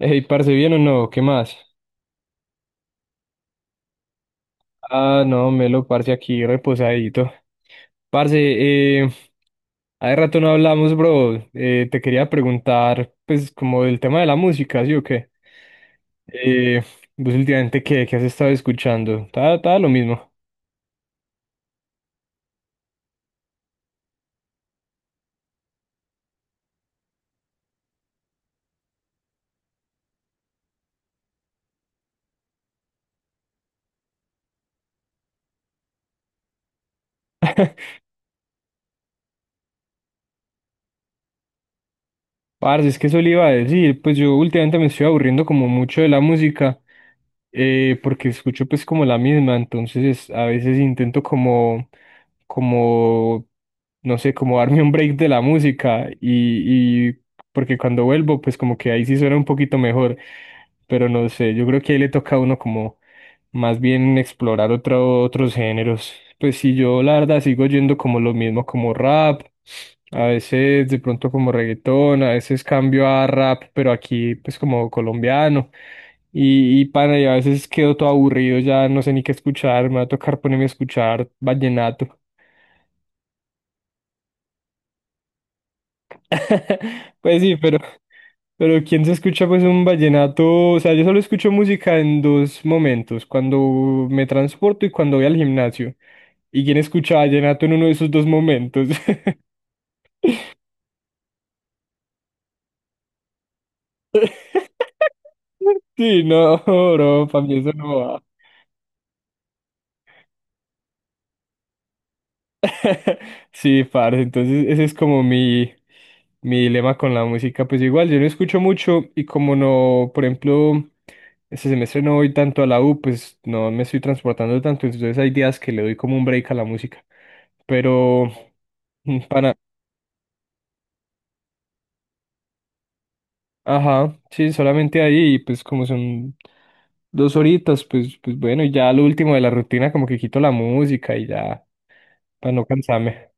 Ey, parce, ¿bien o no? ¿Qué más? Ah, no, Melo, parce, aquí reposadito. Parce, hace rato no hablamos, bro. Te quería preguntar, pues, como del tema de la música, ¿sí o qué? Eh, Vos últimamente, ¿qué has estado escuchando. Está lo mismo. Parce, es que eso le iba a decir, pues yo últimamente me estoy aburriendo como mucho de la música, porque escucho pues como la misma, entonces a veces intento como, no sé, como darme un break de la música y porque cuando vuelvo pues como que ahí sí suena un poquito mejor, pero no sé, yo creo que ahí le toca a uno como más bien explorar otros géneros. Pues si yo la verdad sigo yendo como lo mismo, como rap, a veces de pronto como reggaetón, a veces cambio a rap, pero aquí pues como colombiano. Y pana, y a veces quedo todo aburrido, ya no sé ni qué escuchar, me va a tocar ponerme a escuchar vallenato. Pues sí, pero ¿quién se escucha pues un vallenato? O sea, yo solo escucho música en dos momentos, cuando me transporto y cuando voy al gimnasio. ¿Y quién escuchaba vallenato en uno de esos dos momentos? Sí, no, bro, para mí eso no va. Sí, parce, entonces ese es como mi dilema con la música. Pues igual, yo no escucho mucho y como no, por ejemplo, este semestre no voy tanto a la U, pues no me estoy transportando tanto, entonces hay días que le doy como un break a la música. Pero para. Ajá, sí, solamente ahí, y pues como son dos horitas, pues, bueno, y ya lo último de la rutina, como que quito la música y ya, para no cansarme.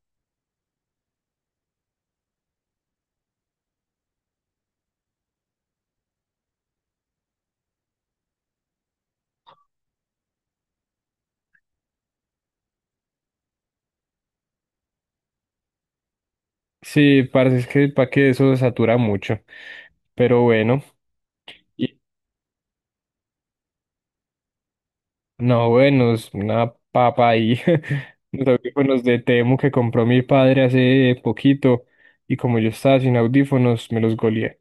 Sí, parece es que para que eso satura mucho. Pero bueno, y- no, bueno, es una papa ahí. Los audífonos de Temu que compró mi padre hace poquito, y como yo estaba sin audífonos, me los goleé.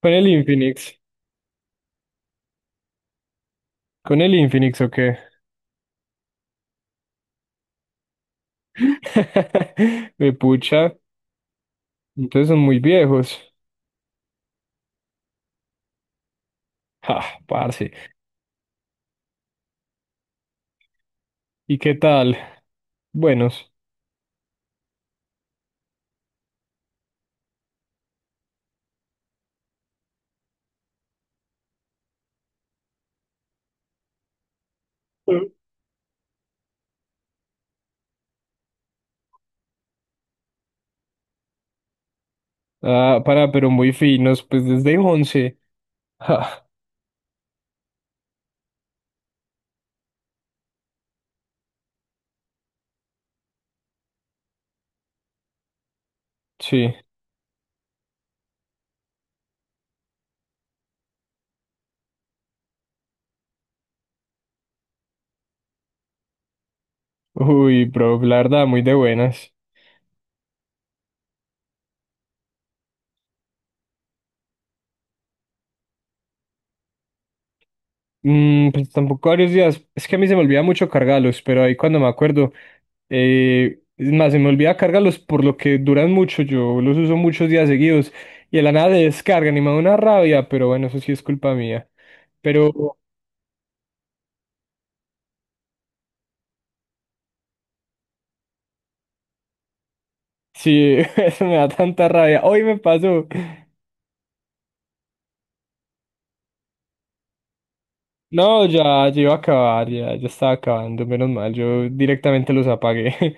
Con el Infinix, con el Infinix, ¿o qué? Me pucha, entonces son muy viejos. Ah, parce. ¿Y qué tal? Buenos. Mm. Ah, para, pero muy finos, pues desde 11. Ah, sí. Uy, bro, la verdad, muy de buenas. Mm, pues tampoco varios días. Es que a mí se me olvida mucho cargarlos, pero ahí cuando me acuerdo, es más, se me olvida cargarlos por lo que duran mucho. Yo los uso muchos días seguidos y de la nada se descargan y me da una rabia, pero bueno, eso sí es culpa mía. Pero sí, eso me da tanta rabia. Hoy me pasó. No, ya iba a acabar, ya estaba acabando, menos mal, yo directamente los apagué.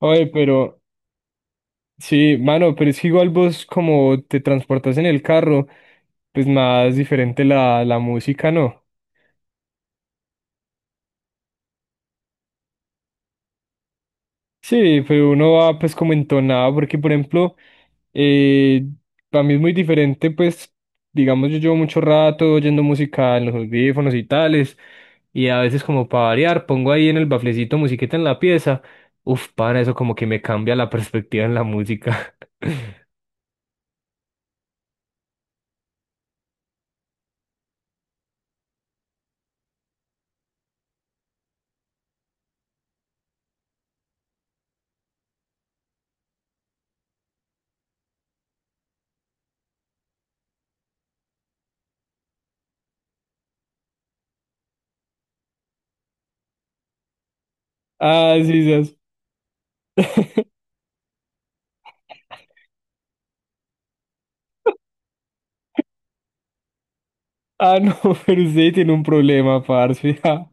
Oye, pero sí, mano, pero es que igual vos como te transportas en el carro, pues más diferente la música, ¿no? Sí, pero uno va pues como entonado, porque por ejemplo, Eh, para mí es muy diferente, pues, digamos, yo llevo mucho rato oyendo música en los audífonos y tales, y a veces como para variar, pongo ahí en el baflecito musiquita en la pieza. Uf, para eso como que me cambia la perspectiva en la música. Ah, sí, sí. Ah, no, pero usted tiene un problema, parce. Ah,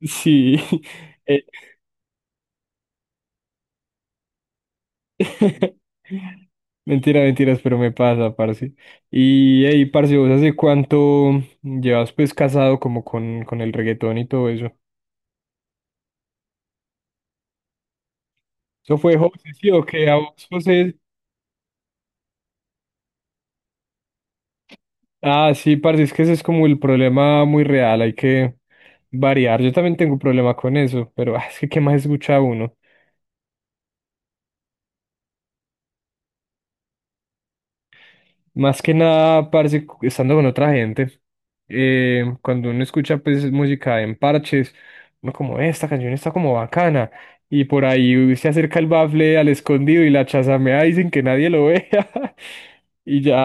sí. Mentira, mentiras, pero me pasa, parce. Y hey, parce, ¿vos hace cuánto llevas pues casado como con el reggaetón y todo eso? ¿Eso fue José, sí o qué? ¿A vos, José? Ah, sí, parce, es que ese es como el problema muy real, hay que variar. Yo también tengo problema con eso, pero ah, es que ¿qué más escucha uno? Más que nada, parce, estando con otra gente, cuando uno escucha pues música en parches, uno como, esta canción está como bacana", y por ahí se acerca el bafle al escondido y la chazamea y sin que nadie lo vea, y ya.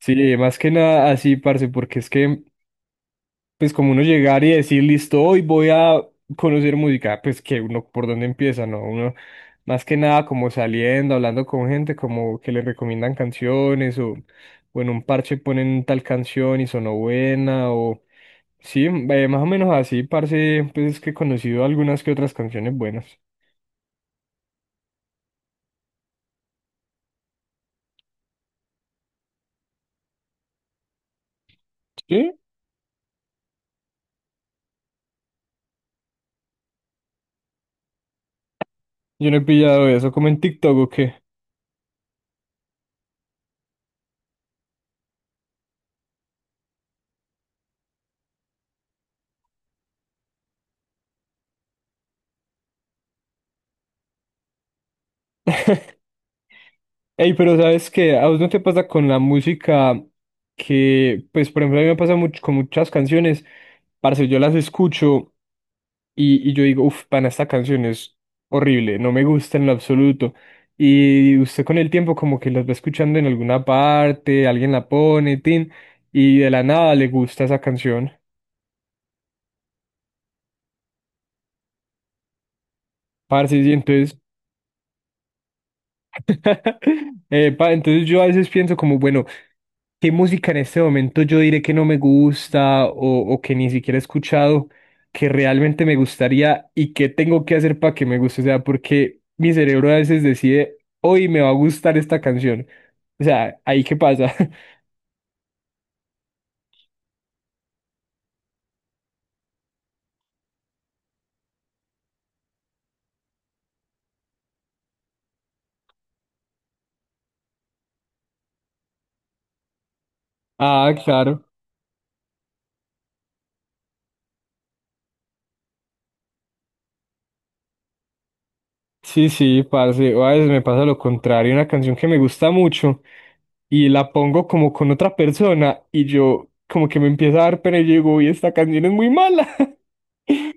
Sí, más que nada así, parce, porque es que pues como uno llegar y decir, listo, hoy voy a conocer música, pues que uno por dónde empieza, ¿no? Uno más que nada como saliendo, hablando con gente, como que le recomiendan canciones o en un parche ponen tal canción y sonó buena o sí, más o menos así, parce, pues es que he conocido algunas que otras canciones buenas. Sí, yo no he pillado eso como en TikTok o qué. Ey, pero ¿sabes qué? ¿A vos no te pasa con la música que, pues, por ejemplo, a mí me pasa mucho con muchas canciones, parce? Yo las escucho y yo digo, uff, pana, esta canción es horrible, no me gusta en lo absoluto. Y usted con el tiempo como que las va escuchando en alguna parte, alguien la pone, tin, y de la nada le gusta esa canción. Parce, y entonces epa, entonces yo a veces pienso como, bueno, ¿qué música en este momento yo diré que no me gusta o que ni siquiera he escuchado, que realmente me gustaría y qué tengo que hacer para que me guste? O sea, porque mi cerebro a veces decide, hoy me va a gustar esta canción. O sea, ¿ahí qué pasa? Ah, claro. Sí, sí, parce, a veces me pasa lo contrario, una canción que me gusta mucho y la pongo como con otra persona y yo como que me empieza a dar pena y yo digo, uy, esta canción es muy mala.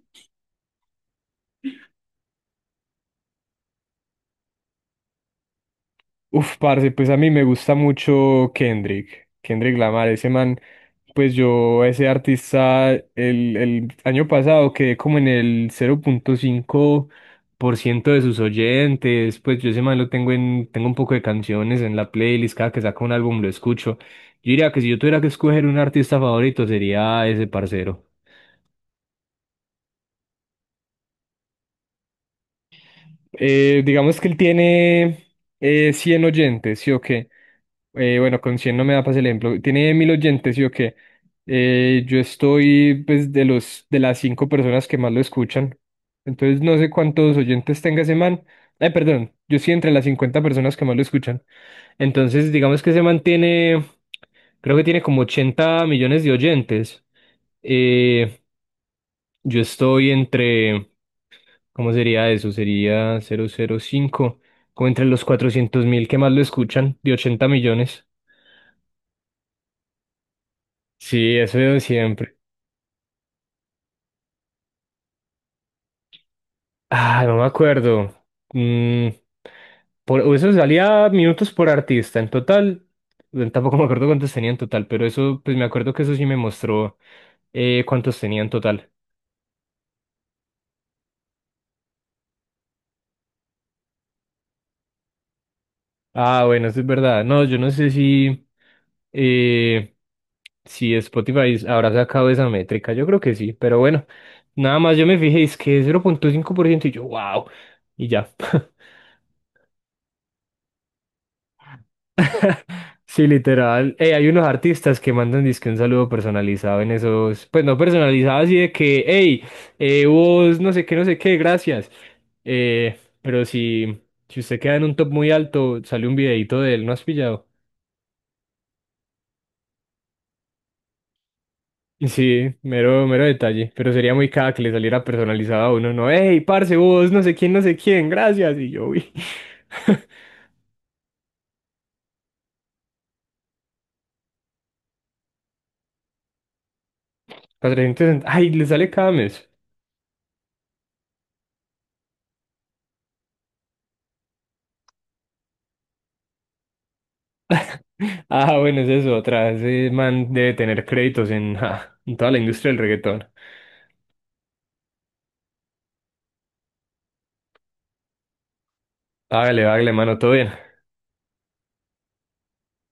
Uf, parce, pues a mí me gusta mucho Kendrick, Kendrick Lamar, ese man, pues yo, ese artista, el año pasado quedé como en el 0.5% de sus oyentes, pues yo ese man lo tengo un poco de canciones en la playlist, cada que saca un álbum lo escucho. Yo diría que si yo tuviera que escoger un artista favorito sería ese parcero. Digamos que él tiene 100 oyentes, ¿sí o qué? Bueno, con 100 no me da para el ejemplo. Tiene 1.000 oyentes, ¿sí o qué? Yo estoy, pues, de las cinco personas que más lo escuchan. Entonces, no sé cuántos oyentes tenga ese man. Perdón, yo sí entre las 50 personas que más lo escuchan. Entonces, digamos que ese man creo que tiene como 80 millones de oyentes. Eh, yo estoy entre, ¿cómo sería eso? Sería cero cero cinco, como entre los 400.000 que más lo escuchan, de 80 millones. Sí, eso veo siempre. Ah, no me acuerdo. Mm, eso salía minutos por artista. En total, tampoco me acuerdo cuántos tenía en total, pero eso, pues me acuerdo que eso sí me mostró cuántos tenía en total. Ah, bueno, eso es verdad. No, yo no sé eh, si Spotify habrá sacado esa métrica. Yo creo que sí, pero bueno, nada más yo me fijé, es que es 0,5% y yo, wow, y ya. Sí, literal. Hay unos artistas que mandan disque un saludo personalizado en esos, pues no personalizado, así de que, hey, vos no sé qué, no sé qué, gracias. Pero si usted queda en un top muy alto, sale un videito de él, ¿no has pillado? Sí, mero, mero detalle, pero sería muy caga que le saliera personalizado a uno, no, hey, parce, vos, no sé quién, no sé quién, gracias, y yo, uy, 460, ay, le sale cada mes. Ah, bueno, es eso, otra, ese man debe tener créditos en, ja, en toda la industria del reggaetón. Hágale, hágale, mano, todo bien.